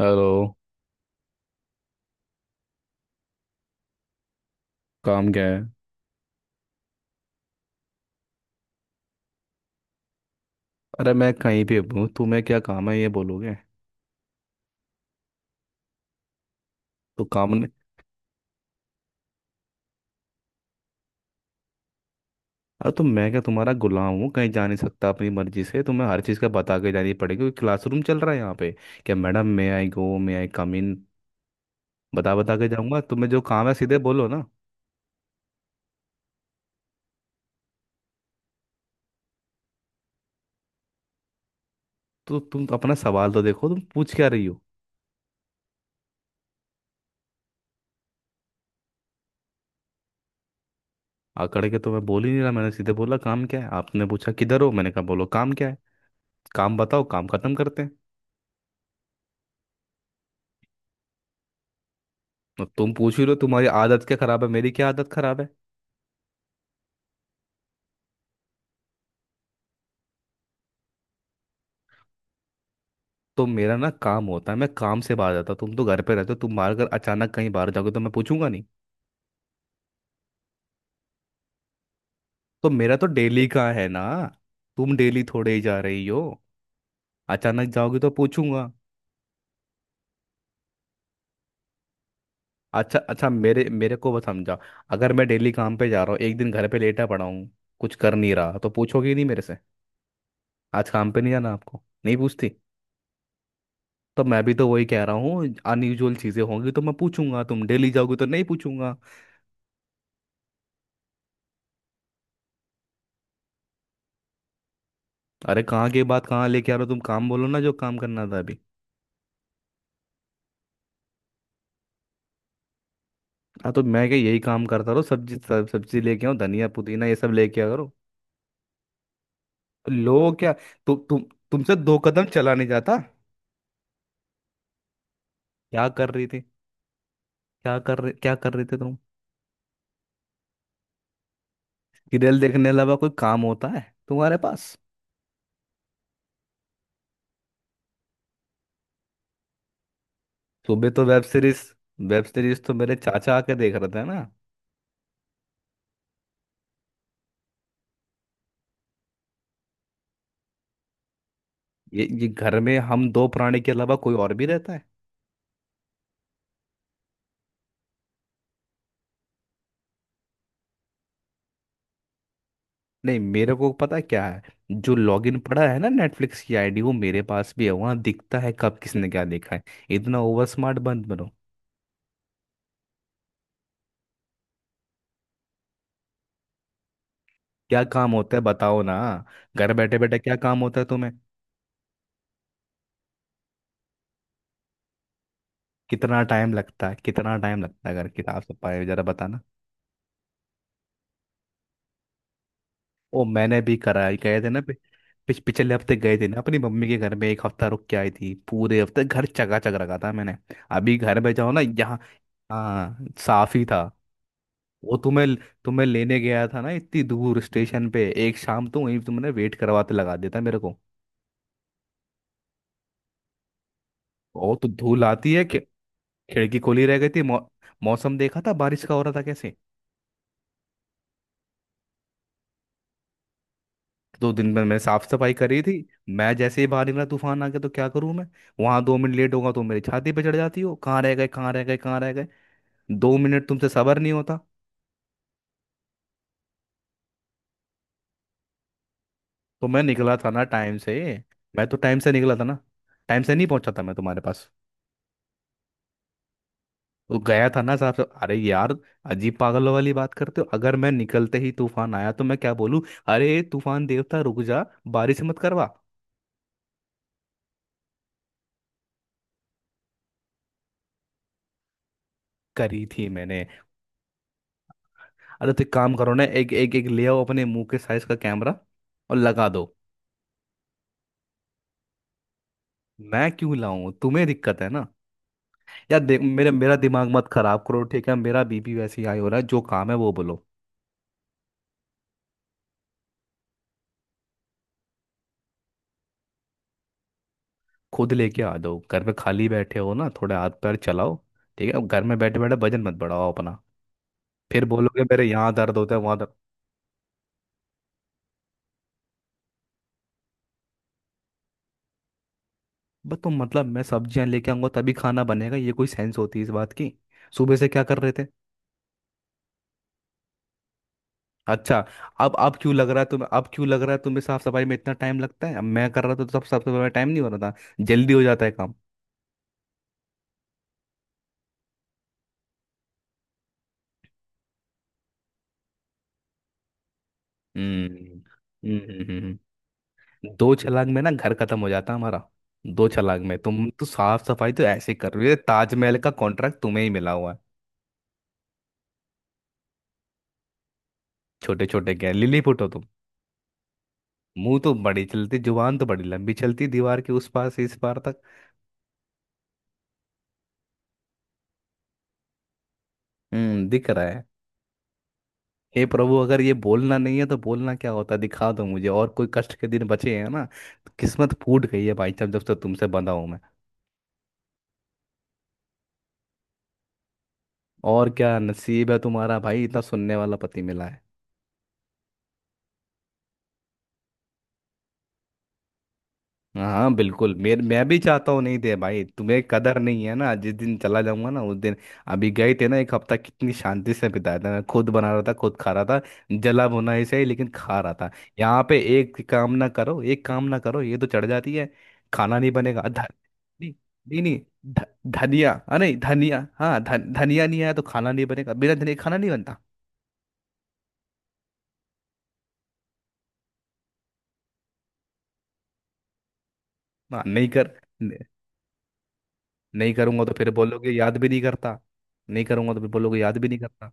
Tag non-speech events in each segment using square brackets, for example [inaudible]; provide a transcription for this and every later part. Hello. काम क्या है? अरे मैं कहीं भी हूँ, तुम्हें क्या काम है ये बोलोगे? तो काम ने। अरे तो मैं क्या तुम्हारा गुलाम हूँ? कहीं जा नहीं सकता अपनी मर्जी से? तुम्हें हर चीज़ का बता के जानी पड़ेगी? क्योंकि क्लासरूम चल रहा है यहाँ पे। क्या मैडम, मे आई गो, मे आई कम इन। बता बता के जाऊँगा। तुम्हें जो काम है सीधे बोलो ना। तो तुम अपना सवाल तो देखो, तुम पूछ क्या रही हो। आकड़ के तो मैं बोल ही नहीं रहा। मैंने सीधे बोला काम क्या है। आपने पूछा किधर हो, मैंने कहा बोलो काम क्या है। काम बताओ, काम खत्म करते हैं। और तुम पूछ ही रहे हो तुम्हारी आदत क्या खराब है, मेरी क्या आदत खराब है। तो मेरा ना काम होता है, मैं काम से बाहर जाता हूँ। तुम तो घर पे रहते हो, तुम बाहर अगर अचानक कहीं बाहर जाओगे तो मैं पूछूंगा नहीं? तो मेरा तो डेली का है ना। तुम डेली थोड़े ही जा रही हो, अचानक जाओगे तो पूछूंगा। अच्छा अच्छा, मेरे मेरे को बस समझा। अगर मैं डेली काम पे जा रहा हूँ, एक दिन घर पे लेटा पड़ा हूँ, कुछ कर नहीं रहा, तो पूछोगे नहीं मेरे से? आज काम पे नहीं जाना आपको नहीं पूछती? तो मैं भी तो वही कह रहा हूँ, अनयूजुअल चीजें होंगी तो मैं पूछूंगा, तुम डेली जाओगे तो नहीं पूछूंगा। अरे कहाँ की बात कहाँ लेके आ रहे हो। तुम काम बोलो ना जो काम करना था अभी। हाँ तो मैं क्या यही काम करता रहो? सब्जी लेके आओ, धनिया पुदीना ये सब लेके आ करो। लो क्या तुम, तुमसे दो कदम चला नहीं जाता। क्या कर रही थी? क्या कर रहे थे तुम? सीरियल देखने के अलावा कोई काम होता है तुम्हारे पास? सुबह तो वेब सीरीज। वेब सीरीज तो मेरे चाचा आके देख रहे थे ना। ये घर में हम दो प्राणी के अलावा कोई और भी रहता है? नहीं, मेरे को पता है क्या है। जो लॉगिन पड़ा है ना नेटफ्लिक्स की आईडी, वो मेरे पास भी है। वहां दिखता है कब किसने क्या देखा है। इतना ओवर स्मार्ट बंद बनो। क्या काम होता है बताओ ना। घर बैठे बैठे क्या काम होता है तुम्हें? कितना टाइम लगता है, कितना टाइम लगता है, अगर किताब से पाए जरा बताना। ओ मैंने भी करा है, गए थे ना पिछले हफ्ते गए थे ना, अपनी मम्मी के घर में एक हफ्ता रुक के आई थी, पूरे हफ्ते घर चका चक रखा था मैंने। अभी घर में जाओ ना यहाँ। हाँ साफ ही था। वो तुम्हें तुम्हें लेने गया था ना इतनी दूर स्टेशन पे, एक शाम तो वहीं तुमने वेट करवाते लगा देता मेरे को। बहुत धूल आती है। खिड़की खोली रह गई थी। मौसम देखा था बारिश का हो रहा था कैसे। दो दिन में मैंने साफ सफाई करी थी। मैं जैसे ही बाहर निकला तूफान आ गया, तो क्या करूं मैं। वहां दो मिनट लेट होगा तो मेरी छाती पे चढ़ जाती हो, कहाँ रह गए कहाँ रह गए कहाँ रह गए। दो मिनट तुमसे सबर नहीं होता। तो मैं निकला था ना टाइम से। मैं तो टाइम से निकला था ना। टाइम से नहीं पहुंचा था मैं तुम्हारे पास। तो गया था ना साहब से। अरे यार, अजीब पागलों वाली बात करते हो। अगर मैं निकलते ही तूफान आया तो मैं क्या बोलूं? अरे तूफान देवता रुक जा, बारिश मत करवा। करी थी मैंने। अरे तो एक काम करो ना, एक एक एक ले आओ अपने मुंह के साइज का कैमरा, और लगा दो। मैं क्यों लाऊं, तुम्हें दिक्कत है ना। यार देख, मेरे मेरा दिमाग मत खराब करो ठीक है। मेरा बीपी वैसे ही हाई हो रहा है। जो काम है वो बोलो। खुद लेके आ जाओ, घर में खाली बैठे हो ना, थोड़े हाथ पैर चलाओ। ठीक है, अब घर में बैठे बैठे वजन मत बढ़ाओ अपना। फिर बोलोगे मेरे यहाँ दर्द होता है वहाँ दर्द। बस तुम मतलब मैं सब्जियां लेके आऊंगा तभी खाना बनेगा, ये कोई सेंस होती है इस बात की? सुबह से क्या कर रहे थे? अच्छा। अब क्यों लग रहा है तुम्हें, अब क्यों लग रहा है तुम्हें साफ सफाई में इतना टाइम लगता है? अब मैं कर रहा था तो सब साफ सफाई में टाइम नहीं हो रहा था, जल्दी हो जाता है काम। हम्म हम्म हम्म, हम्म, दो छलांग में ना घर खत्म हो जाता हमारा। दो छलांग में। तुम तो साफ सफाई तो ऐसे कर रही हो ताजमहल का कॉन्ट्रैक्ट तुम्हें ही मिला हुआ है। छोटे छोटे क्या लिली हो तुम? मुंह तो बड़ी चलती, जुबान तो बड़ी लंबी चलती, दीवार के उस पार से इस पार तक। हम्म, दिख रहा है। हे प्रभु, अगर ये बोलना नहीं है तो बोलना क्या होता है, दिखा दो मुझे। और कोई कष्ट के दिन बचे हैं ना, तो किस्मत फूट गई है भाई साहब जब से तुमसे बंधा हूं मैं। और क्या नसीब है तुम्हारा भाई, इतना सुनने वाला पति मिला है। हाँ बिल्कुल, मेरे मैं भी चाहता हूँ नहीं दे भाई। तुम्हें कदर नहीं है ना, जिस दिन चला जाऊंगा ना उस दिन। अभी गए थे ना एक हफ्ता, कितनी शांति से बिताया था, मैं खुद बना रहा था खुद खा रहा था, जला भुना ही सही लेकिन खा रहा था। यहाँ पे एक काम ना करो, एक काम ना करो, ये तो चढ़ जाती है। खाना नहीं बनेगा। ध, नहीं नहीं नहीं ध, धनिया। अरे धनिया। हाँ, धन धनिया नहीं आया तो खाना नहीं बनेगा, बिना धनिया खाना नहीं बनता। हाँ नहीं कर नहीं नहीं करूंगा तो फिर बोलोगे याद भी नहीं करता। नहीं करूंगा तो फिर बोलोगे याद भी नहीं करता।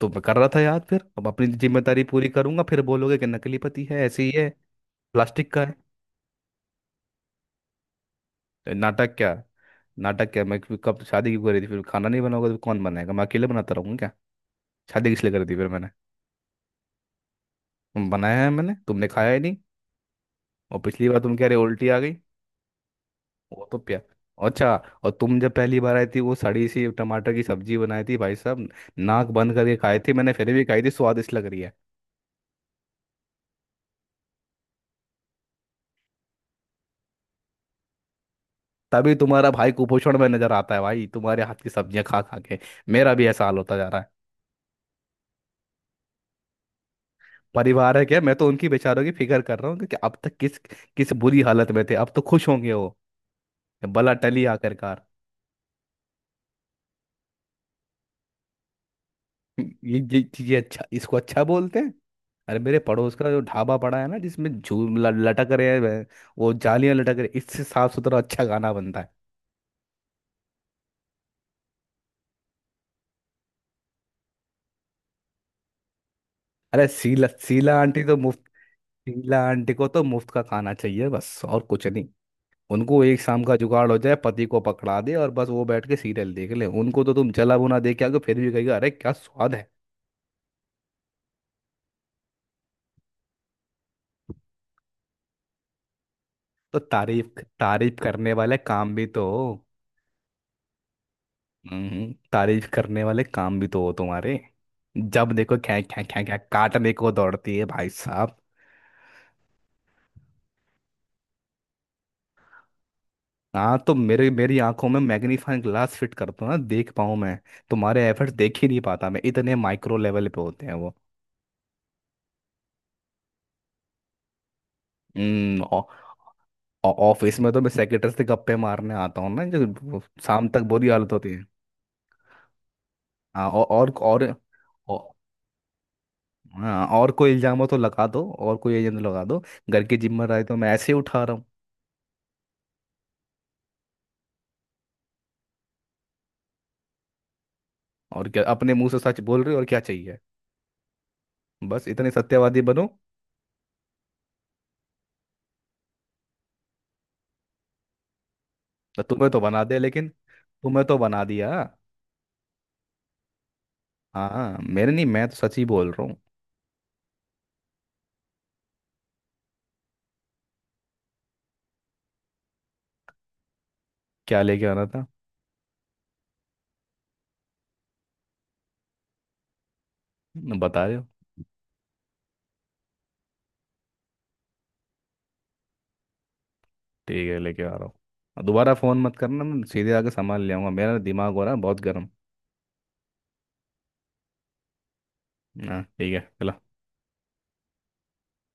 तो मैं कर रहा था याद, फिर अब अपनी जिम्मेदारी पूरी करूंगा फिर बोलोगे कि नकली पति है, ऐसे ही है, प्लास्टिक का है। तो नाटक क्या नाटक क्या मैं, कब शादी क्यों करी थी फिर? खाना नहीं बनाओगे तो कौन बनाएगा, मैं अकेले बनाता रहूंगा क्या? शादी किस लिए करी थी फिर मैंने? तुम बनाया है मैंने, तुमने खाया ही नहीं। और पिछली बार तुम कह रहे उल्टी आ गई। वो तो प्या अच्छा। और तुम जब पहली बार आई थी, वो सड़ी सी टमाटर की सब्जी बनाई थी भाई साहब। नाक बंद करके खाई थी मैंने, फिर भी खाई थी, स्वादिष्ट लग रही है। तभी तुम्हारा भाई कुपोषण में नजर आता है भाई, तुम्हारे हाथ की सब्जियां खा खा के। मेरा भी ऐसा हाल होता जा रहा है। परिवार है क्या, मैं तो उनकी बेचारों की फिक्र कर रहा हूँ कि अब तक किस किस बुरी हालत में थे। अब तो खुश होंगे वो, भला टली आखिरकार। [laughs] ये चीजें अच्छा, इसको अच्छा बोलते हैं? अरे मेरे पड़ोस का जो ढाबा पड़ा है ना, जिसमें लटक रहे हैं वो जालियां लटक रही, इससे साफ सुथरा अच्छा खाना बनता है। अरे सीला सीला आंटी तो मुफ्त सीला आंटी को तो मुफ्त का खाना चाहिए बस और कुछ नहीं। उनको एक शाम का जुगाड़ हो जाए, पति को पकड़ा दे, और बस वो बैठ के सीरियल देख ले। उनको तो तुम जला भुना दे के आओगे फिर भी कहेगा अरे क्या स्वाद है। तो तारीफ तारीफ करने वाले काम भी तो हो। तारीफ करने वाले काम भी तो हो तुम्हारे। जब देखो ख्या ख्या ख्या ख्या काटने को दौड़ती है भाई साहब। हाँ तो मेरे मेरी आंखों में मैग्नीफाइंग ग्लास फिट कर दो ना, देख पाऊँ मैं। तुम्हारे एफर्ट्स देख ही नहीं पाता, मैं इतने माइक्रो लेवल पे होते हैं वो। हम्म, ऑ- ऑफिस में तो मैं सेक्रेटरी से गप्पे मारने आता हूँ ना, जो शाम तक बुरी हालत होती है। हाँ औ- और और, और हाँ, और कोई इल्जाम हो तो लगा दो, और कोई एजेंडा लगा दो। घर की जिम्मेदारी तो मैं ऐसे ही उठा रहा हूँ। और क्या अपने मुंह से सच बोल रहे हो, और क्या चाहिए? बस इतने सत्यवादी बनो। तो तुम्हें तो बना दे लेकिन तुम्हें तो बना दिया। हाँ मेरे नहीं, मैं तो सच ही बोल रहा हूँ। क्या लेके आना था बता रहे हो। ठीक है लेके आ रहा हूँ। और दोबारा फोन मत करना, मैं सीधे आके सामान ले आऊंगा। मेरा दिमाग हो रहा है बहुत गर्म। हाँ ठीक है।